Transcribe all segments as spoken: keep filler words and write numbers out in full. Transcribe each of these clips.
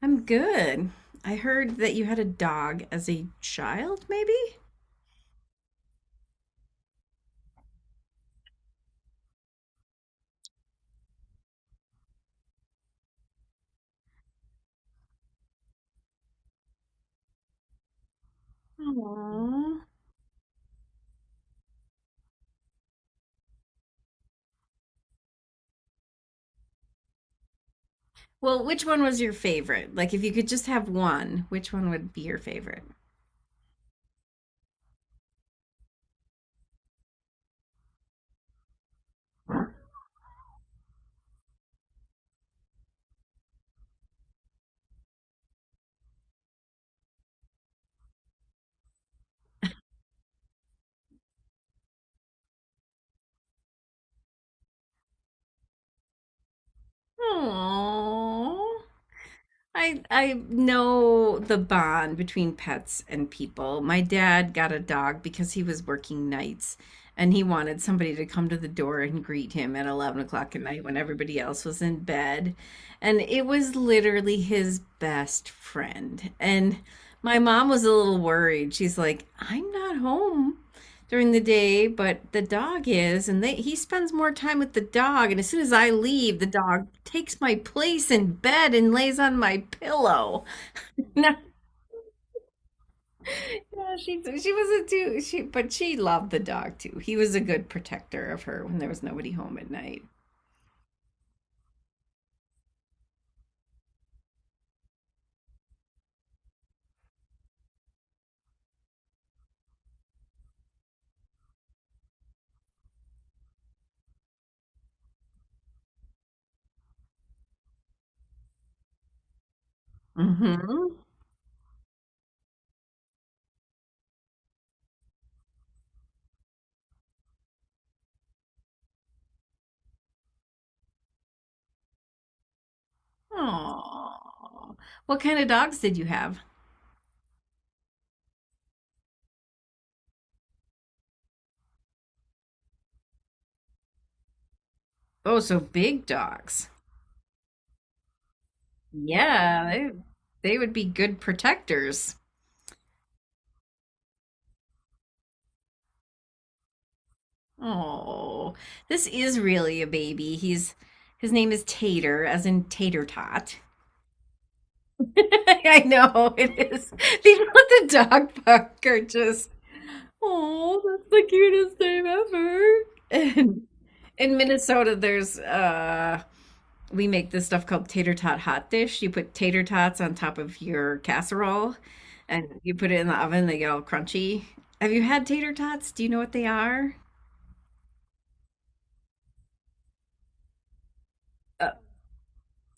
I'm good. I heard that you had a dog as a child, maybe? Aww. Well, which one was your favorite? Like, if you could just have one, which one would be your favorite? Aww. I I know the bond between pets and people. My dad got a dog because he was working nights and he wanted somebody to come to the door and greet him at eleven o'clock at night when everybody else was in bed. And it was literally his best friend. And my mom was a little worried. She's like, I'm not home during the day, but the dog is, and they, he spends more time with the dog. And as soon as I leave, the dog takes my place in bed and lays on my pillow. No, no, she she wasn't too she, but she loved the dog too. He was a good protector of her when there was nobody home at night. Mm-hmm. Aww. What kind of dogs did you have? Oh, so big dogs. Yeah, they they would be good protectors. Oh, this is really a baby. He's His name is Tater, as in Tater Tot. I know it is. These at the dog park are just oh, that's the cutest name ever. And in Minnesota, there's uh, we make this stuff called tater tot hot dish. You put tater tots on top of your casserole, and you put it in the oven. They get all crunchy. Have you had tater tots? Do you know what they are?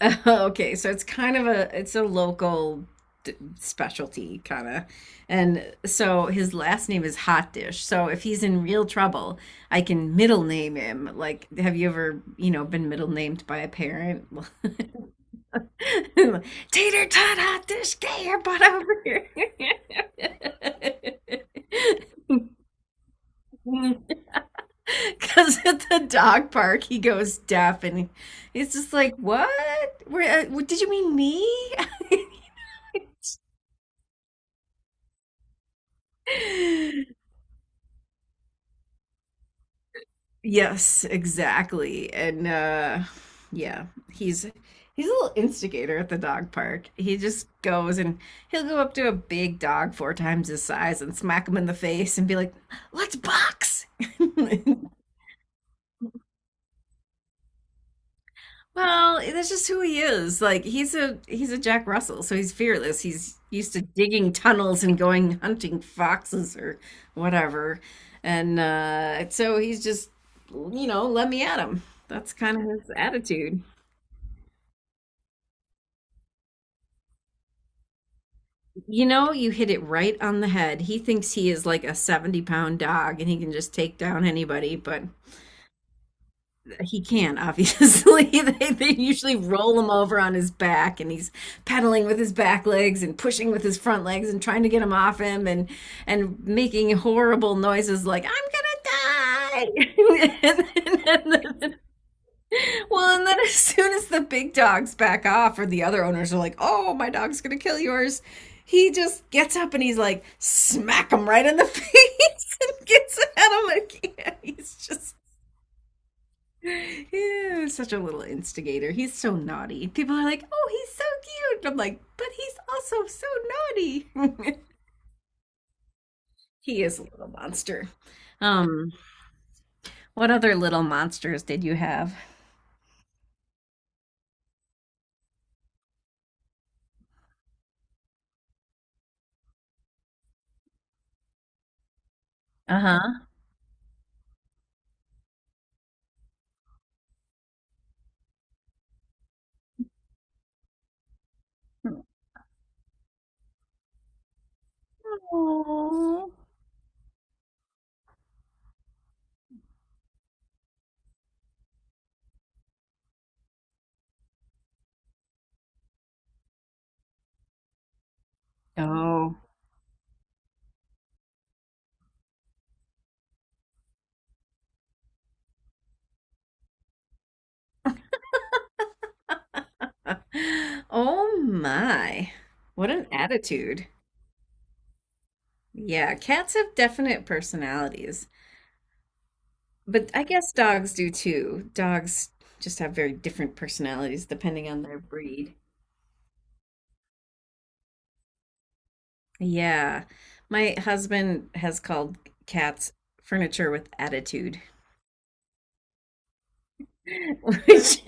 Okay, so it's kind of a it's a local d- specialty kind of. And so his last name is Hot Dish. So if he's in real trouble, I can middle name him. Like, have you ever, you know, been middle named by a parent? Tater tot hot dish, get your butt over here. Because at the dog park, he goes deaf and he's just like, what? Where, uh, what did you mean me? Yes, exactly. And uh Yeah, he's he's a little instigator at the dog park. He just goes and He'll go up to a big dog four times his size and smack him in the face and be like, "Let's box." Well, that's just who he is. Like he's a he's a Jack Russell, so he's fearless. He's used to digging tunnels and going hunting foxes or whatever. And uh so he's just you know, let me at him. That's kind of his attitude. You know, you hit it right on the head. He thinks he is like a seventy pound dog and he can just take down anybody, but he can, obviously. They, they usually roll him over on his back, and he's pedaling with his back legs and pushing with his front legs and trying to get him off him and and making horrible noises like "I'm gonna die." and then, and then, well, and then as soon as the big dogs back off, or the other owners are like, "Oh, my dog's gonna kill yours," he just gets up and he's like, smack him right in the face and gets at him again. He's just yeah, such a little instigator. He's so naughty. People are like, oh, he's so cute. I'm like, but he's also so naughty. He is a little monster. Um, what other little monsters did you have? Uh-huh. Oh. Oh. Oh my. What an attitude. Yeah, cats have definite personalities, but I guess dogs do too. Dogs just have very different personalities depending on their breed. Yeah. My husband has called cats furniture with attitude, which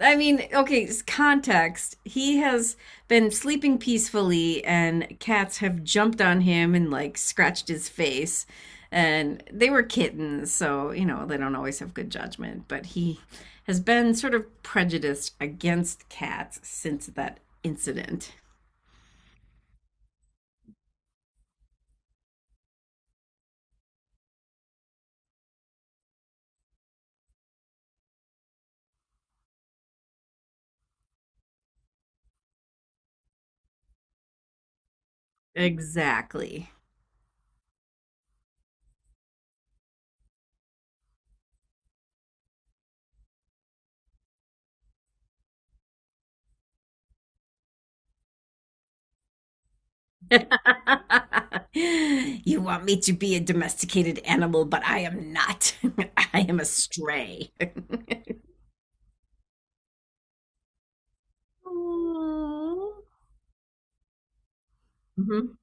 I mean, okay, s- context. He has been sleeping peacefully and cats have jumped on him and like scratched his face. And they were kittens, so, you know, they don't always have good judgment, but he has been sort of prejudiced against cats since that incident. Exactly. You want me to be a domesticated animal, but I am not. I am a stray. Aw. Mhm.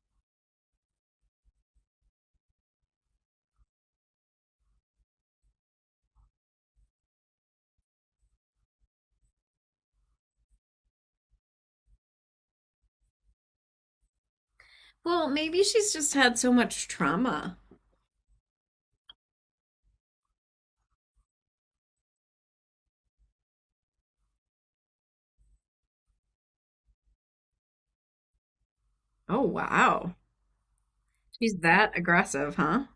Well, maybe she's just had so much trauma. Oh, wow. She's that aggressive, huh?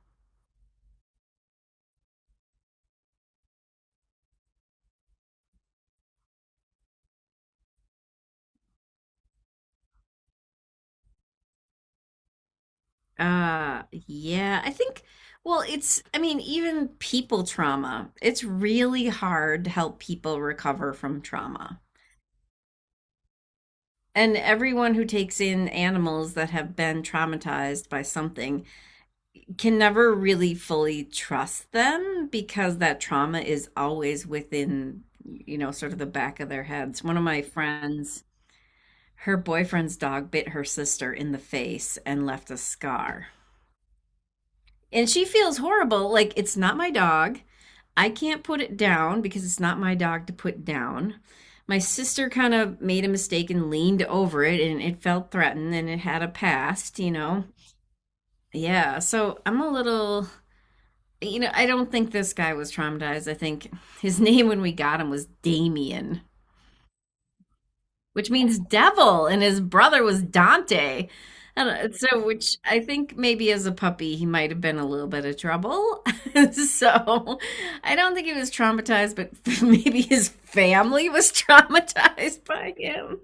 Uh, yeah, I think, well, it's, I mean, even people trauma, it's really hard to help people recover from trauma. And everyone who takes in animals that have been traumatized by something can never really fully trust them because that trauma is always within, you know, sort of the back of their heads. One of my friends, her boyfriend's dog bit her sister in the face and left a scar. And she feels horrible. Like, it's not my dog. I can't put it down because it's not my dog to put down. My sister kind of made a mistake and leaned over it and it felt threatened and it had a past, you know. Yeah, so I'm a little you know, I don't think this guy was traumatized. I think his name when we got him was Damien, which means devil, and his brother was Dante. I don't- So, Which I think maybe as a puppy, he might have been a little bit of trouble. So, I don't think he was traumatized, but maybe his family was traumatized by him.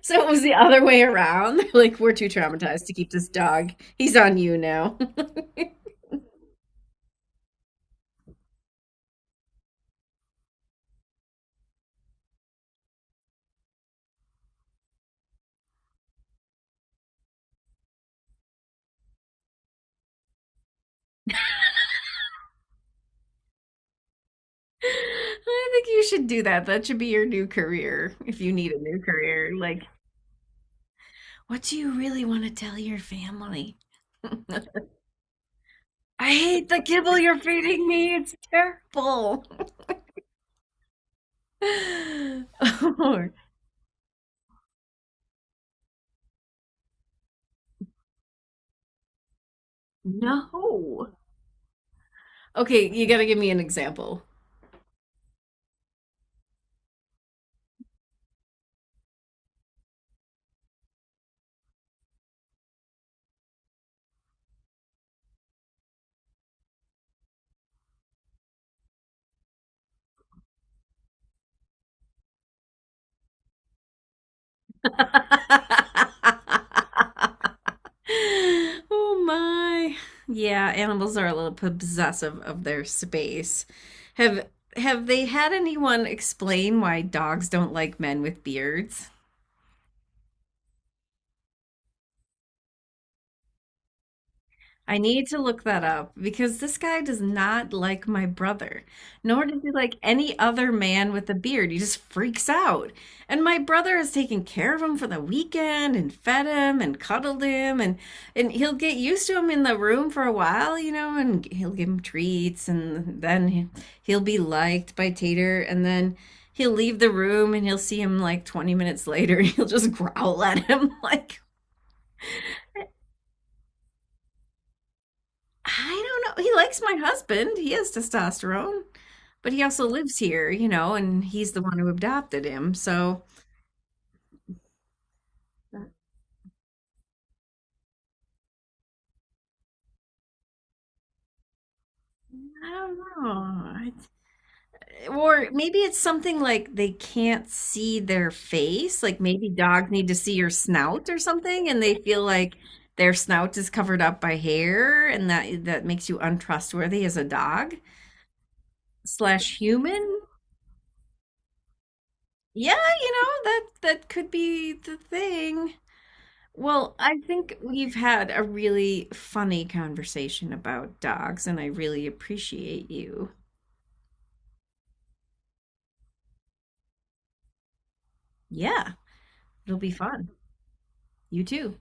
So, it was the other way around. Like, we're too traumatized to keep this dog. He's on you now. I think you should do that. That should be your new career if you need a new career. Like, what do you really want to tell your family? I hate the kibble you're feeding me. It's terrible. Or, no. Okay, you got to give me an example. oh my. Yeah, animals are a little possessive of their space. Have have they had anyone explain why dogs don't like men with beards? I need to look that up because this guy does not like my brother, nor does he like any other man with a beard. He just freaks out. And my brother has taken care of him for the weekend and fed him and cuddled him and and he'll get used to him in the room for a while, you know, and he'll give him treats and then he- will be liked by Tater and then he'll leave the room and he'll see him like twenty minutes later and he'll just growl at him like I don't know. He likes my husband. He has testosterone, but he also lives here, you know, and he's the one who adopted him. So I don't know. I- Or maybe it's something like they can't see their face. Like maybe dogs need to see your snout or something, and they feel like their snout is covered up by hair, and that that makes you untrustworthy as a dog slash human. Yeah, you know, that that could be the thing. Well, I think we've had a really funny conversation about dogs, and I really appreciate you. Yeah, it'll be fun. You too.